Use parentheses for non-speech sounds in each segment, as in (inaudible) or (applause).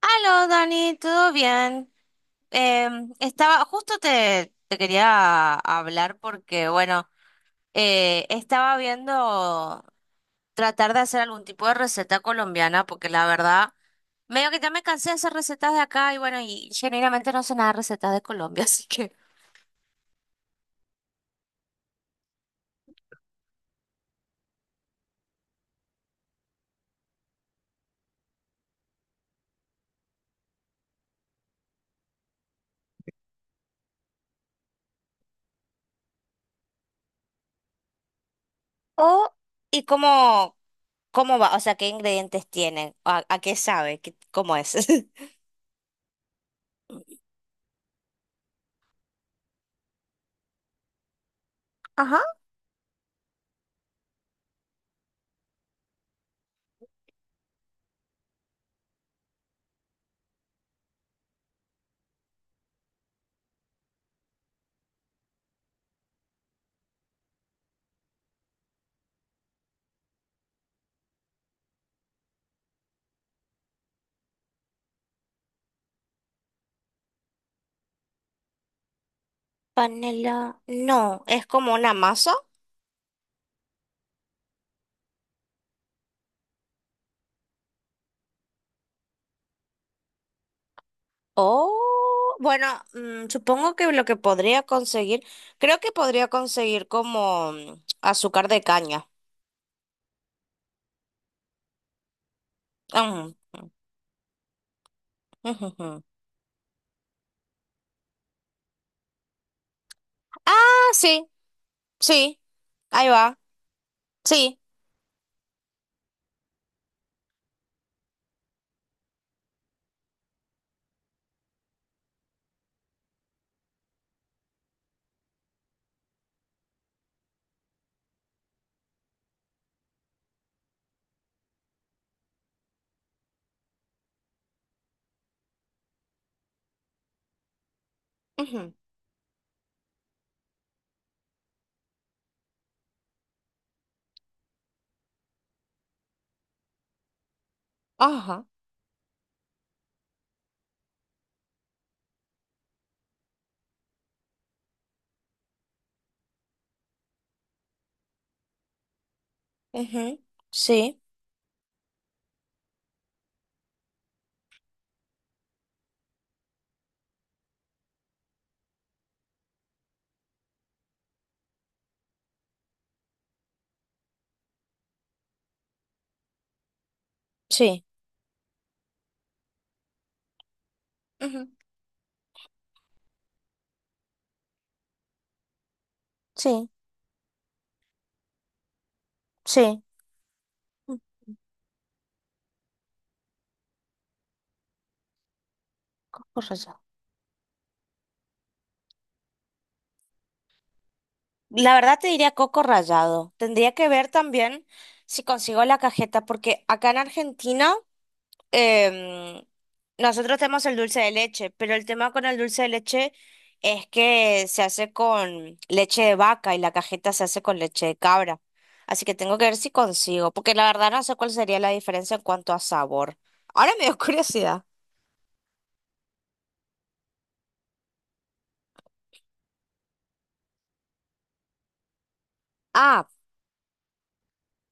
Aló, Dani, ¿todo bien? Estaba, justo te quería hablar porque, bueno, estaba viendo tratar de hacer algún tipo de receta colombiana porque la verdad, medio que ya me cansé de hacer recetas de acá y bueno, y genuinamente no sé nada de recetas de Colombia, (laughs) así que... Oh, ¿y cómo va? O sea, ¿qué ingredientes tienen? ¿A qué sabe? ¿Cómo es? (laughs) Ajá. Panela. No, es como una masa. Oh, bueno, mm, supongo que lo que podría conseguir, creo que podría conseguir como mm, azúcar de caña. Ujú, ujú, ujú. Ah, sí, sí, ahí va, sí, ujú, ajá, ujú, sí, sí, ujú, sí, sí, mm, coco rallado. La verdad te diría coco rallado. Tendría que ver también si consigo la cajeta, porque acá en Argentina em, nosotros tenemos el dulce de leche, pero el tema con el dulce de leche es que se hace con leche de vaca y la cajeta se hace con leche de cabra. Así que tengo que ver si consigo, porque la verdad no sé cuál sería la diferencia en cuanto a sabor. Ahora me dio (laughs) curiosidad. Ah,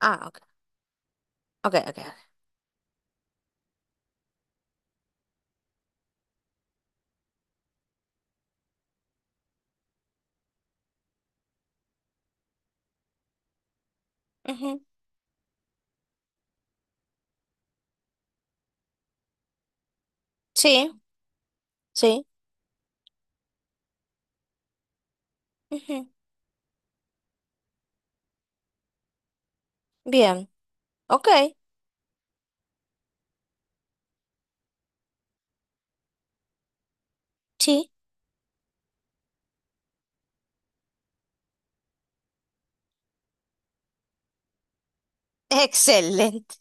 ok, ok, ok. Ok. Ujú. Sí, sí. Ujú. Bien, ok, sí. (laughs) Excelente.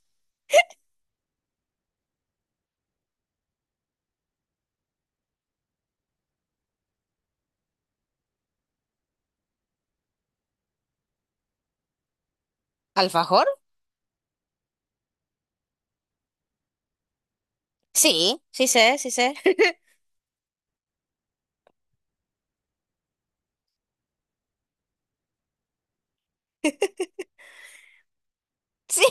¿Alfajor? Sí, sí sé. (laughs) Sí,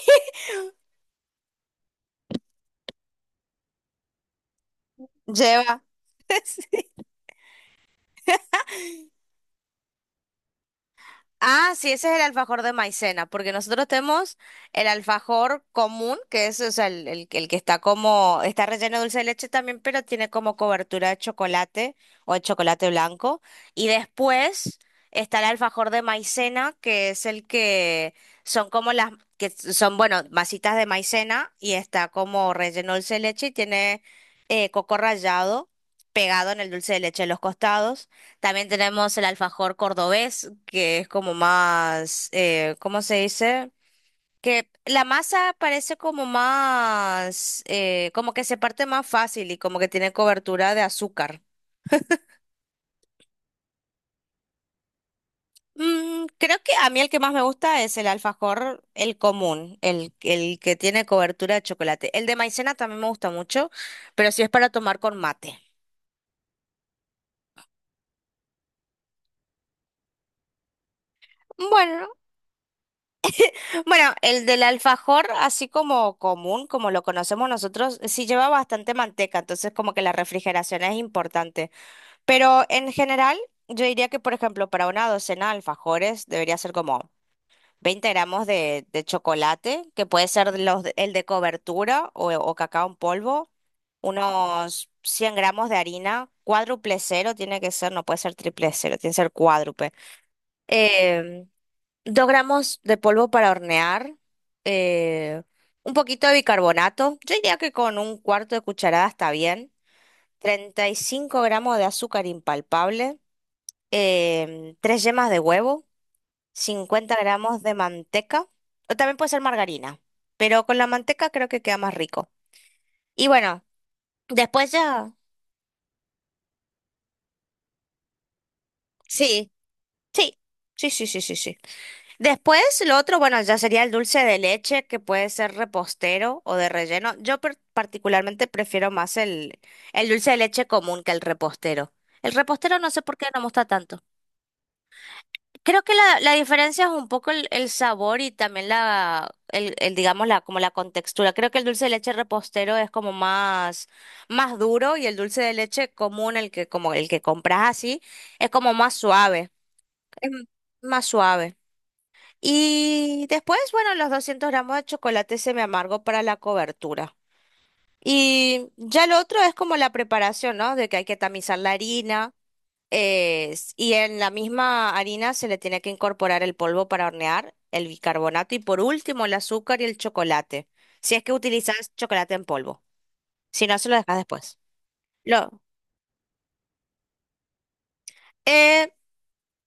lleva. (laughs) Ah, sí, ese es el alfajor de maicena, porque nosotros tenemos el alfajor común, que es, o sea, el que está como, está relleno de dulce de leche también, pero tiene como cobertura de chocolate o de chocolate blanco. Y después está el alfajor de maicena, que es el que son como las, que son, bueno, masitas de maicena y está como relleno de dulce de leche y tiene coco rallado pegado en el dulce de leche en los costados. También tenemos el alfajor cordobés, que es como más, ¿cómo se dice? Que la masa parece como más, como que se parte más fácil y como que tiene cobertura de azúcar. Mm, creo que a mí el que más me gusta es el alfajor, el común, el que tiene cobertura de chocolate. El de maicena también me gusta mucho, pero si es para tomar con mate. Bueno. Bueno, el del alfajor, así como común, como lo conocemos nosotros, sí lleva bastante manteca, entonces como que la refrigeración es importante. Pero en general, yo diría que, por ejemplo, para una docena de alfajores debería ser como 20 g de chocolate, que puede ser el de cobertura o cacao en polvo, unos 100 g de harina, cuádruple cero tiene que ser, no puede ser triple cero, tiene que ser cuádruple. Em, 2 g de polvo para hornear, eh, un poquito de bicarbonato. Yo diría que con un cuarto de cucharada está bien. 35 g de azúcar impalpable, tres yemas de huevo, 50 g de manteca, o también puede ser margarina, pero con la manteca creo que queda más rico. Y bueno, después ya... Sí, sí, sí, sí, sí, sí, sí. Después, lo otro, bueno, ya sería el dulce de leche, que puede ser repostero o de relleno. Yo particularmente prefiero más el dulce de leche común que el repostero. El repostero no sé por qué no me gusta tanto. Creo que la diferencia es un poco el sabor y también digamos, la, como la contextura. Creo que el dulce de leche repostero es como más duro y el dulce de leche común, el que, como el que compras así, es como más suave. Es más suave. Y después, bueno, los 200 g de chocolate semi amargo para la cobertura. Y ya lo otro es como la preparación, ¿no? De que hay que tamizar la harina. Y en la misma harina se le tiene que incorporar el polvo para hornear, el bicarbonato y por último el azúcar y el chocolate. Si es que utilizas chocolate en polvo. Si no, se lo dejas después. Lo, eh,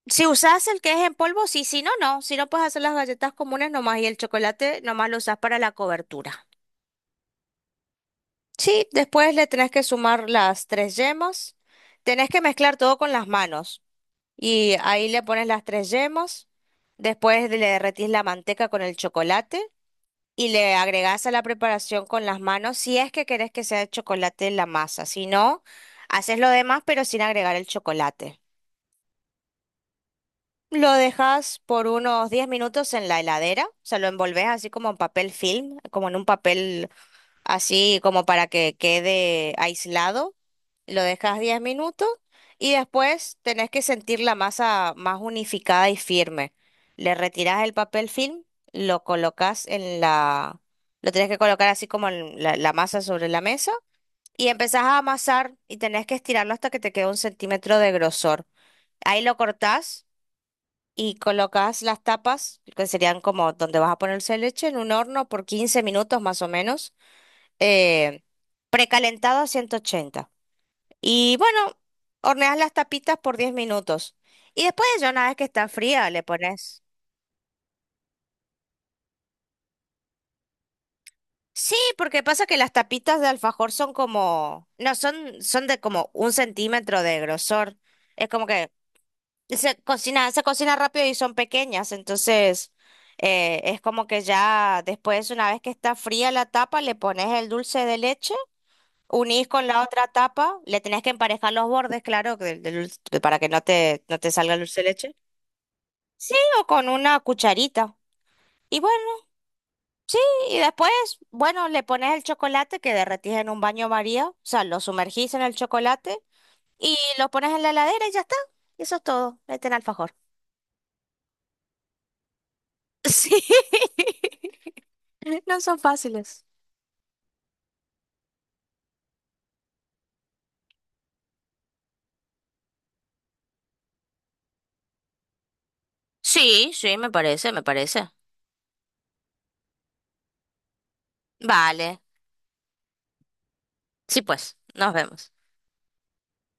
si usas el que es en polvo, sí, si no, no. Si no, puedes hacer las galletas comunes nomás y el chocolate nomás lo usas para la cobertura. Sí, después le tenés que sumar las tres yemas. Tenés que mezclar todo con las manos. Y ahí le pones las tres yemas. Después le derretís la manteca con el chocolate. Y le agregás a la preparación con las manos si es que querés que sea de chocolate la masa. Si no, haces lo demás pero sin agregar el chocolate. Lo dejas por unos 10 minutos en la heladera. O sea, lo envolvés así como en papel film, como en un papel así como para que quede aislado. Lo dejas 10 minutos y después tenés que sentir la masa más unificada y firme. Le retirás el papel film, lo colocas en la... Lo tenés que colocar así como en la masa sobre la mesa y empezás a amasar y tenés que estirarlo hasta que te quede 1 cm de grosor. Ahí lo cortás y colocas las tapas, que serían como donde vas a ponerse leche, en un horno por 15 minutos más o menos eh, precalentado a 180. Y bueno, horneas las tapitas por 10 minutos. Y después, ya una vez que está fría, le pones. Sí, porque pasa que las tapitas de alfajor son como, no, son, son de como 1 cm de grosor. Es como que se cocina rápido y son pequeñas, entonces es como que ya después, una vez que está fría la tapa, le pones el dulce de leche. Unís con la otra tapa, le tenés que emparejar los bordes, claro, que del- del dulce- de- para que no te salga el dulce de leche. Sí, o con una cucharita. Y bueno, y después, bueno, le pones el chocolate que derretís en un baño María, o sea, lo sumergís en el chocolate y lo pones en la heladera y ya está. Y eso es todo, meten alfajor. (laughs) Sí, no son fáciles. Sí, sí, me parece, me parece. Vale. Sí, pues, nos vemos.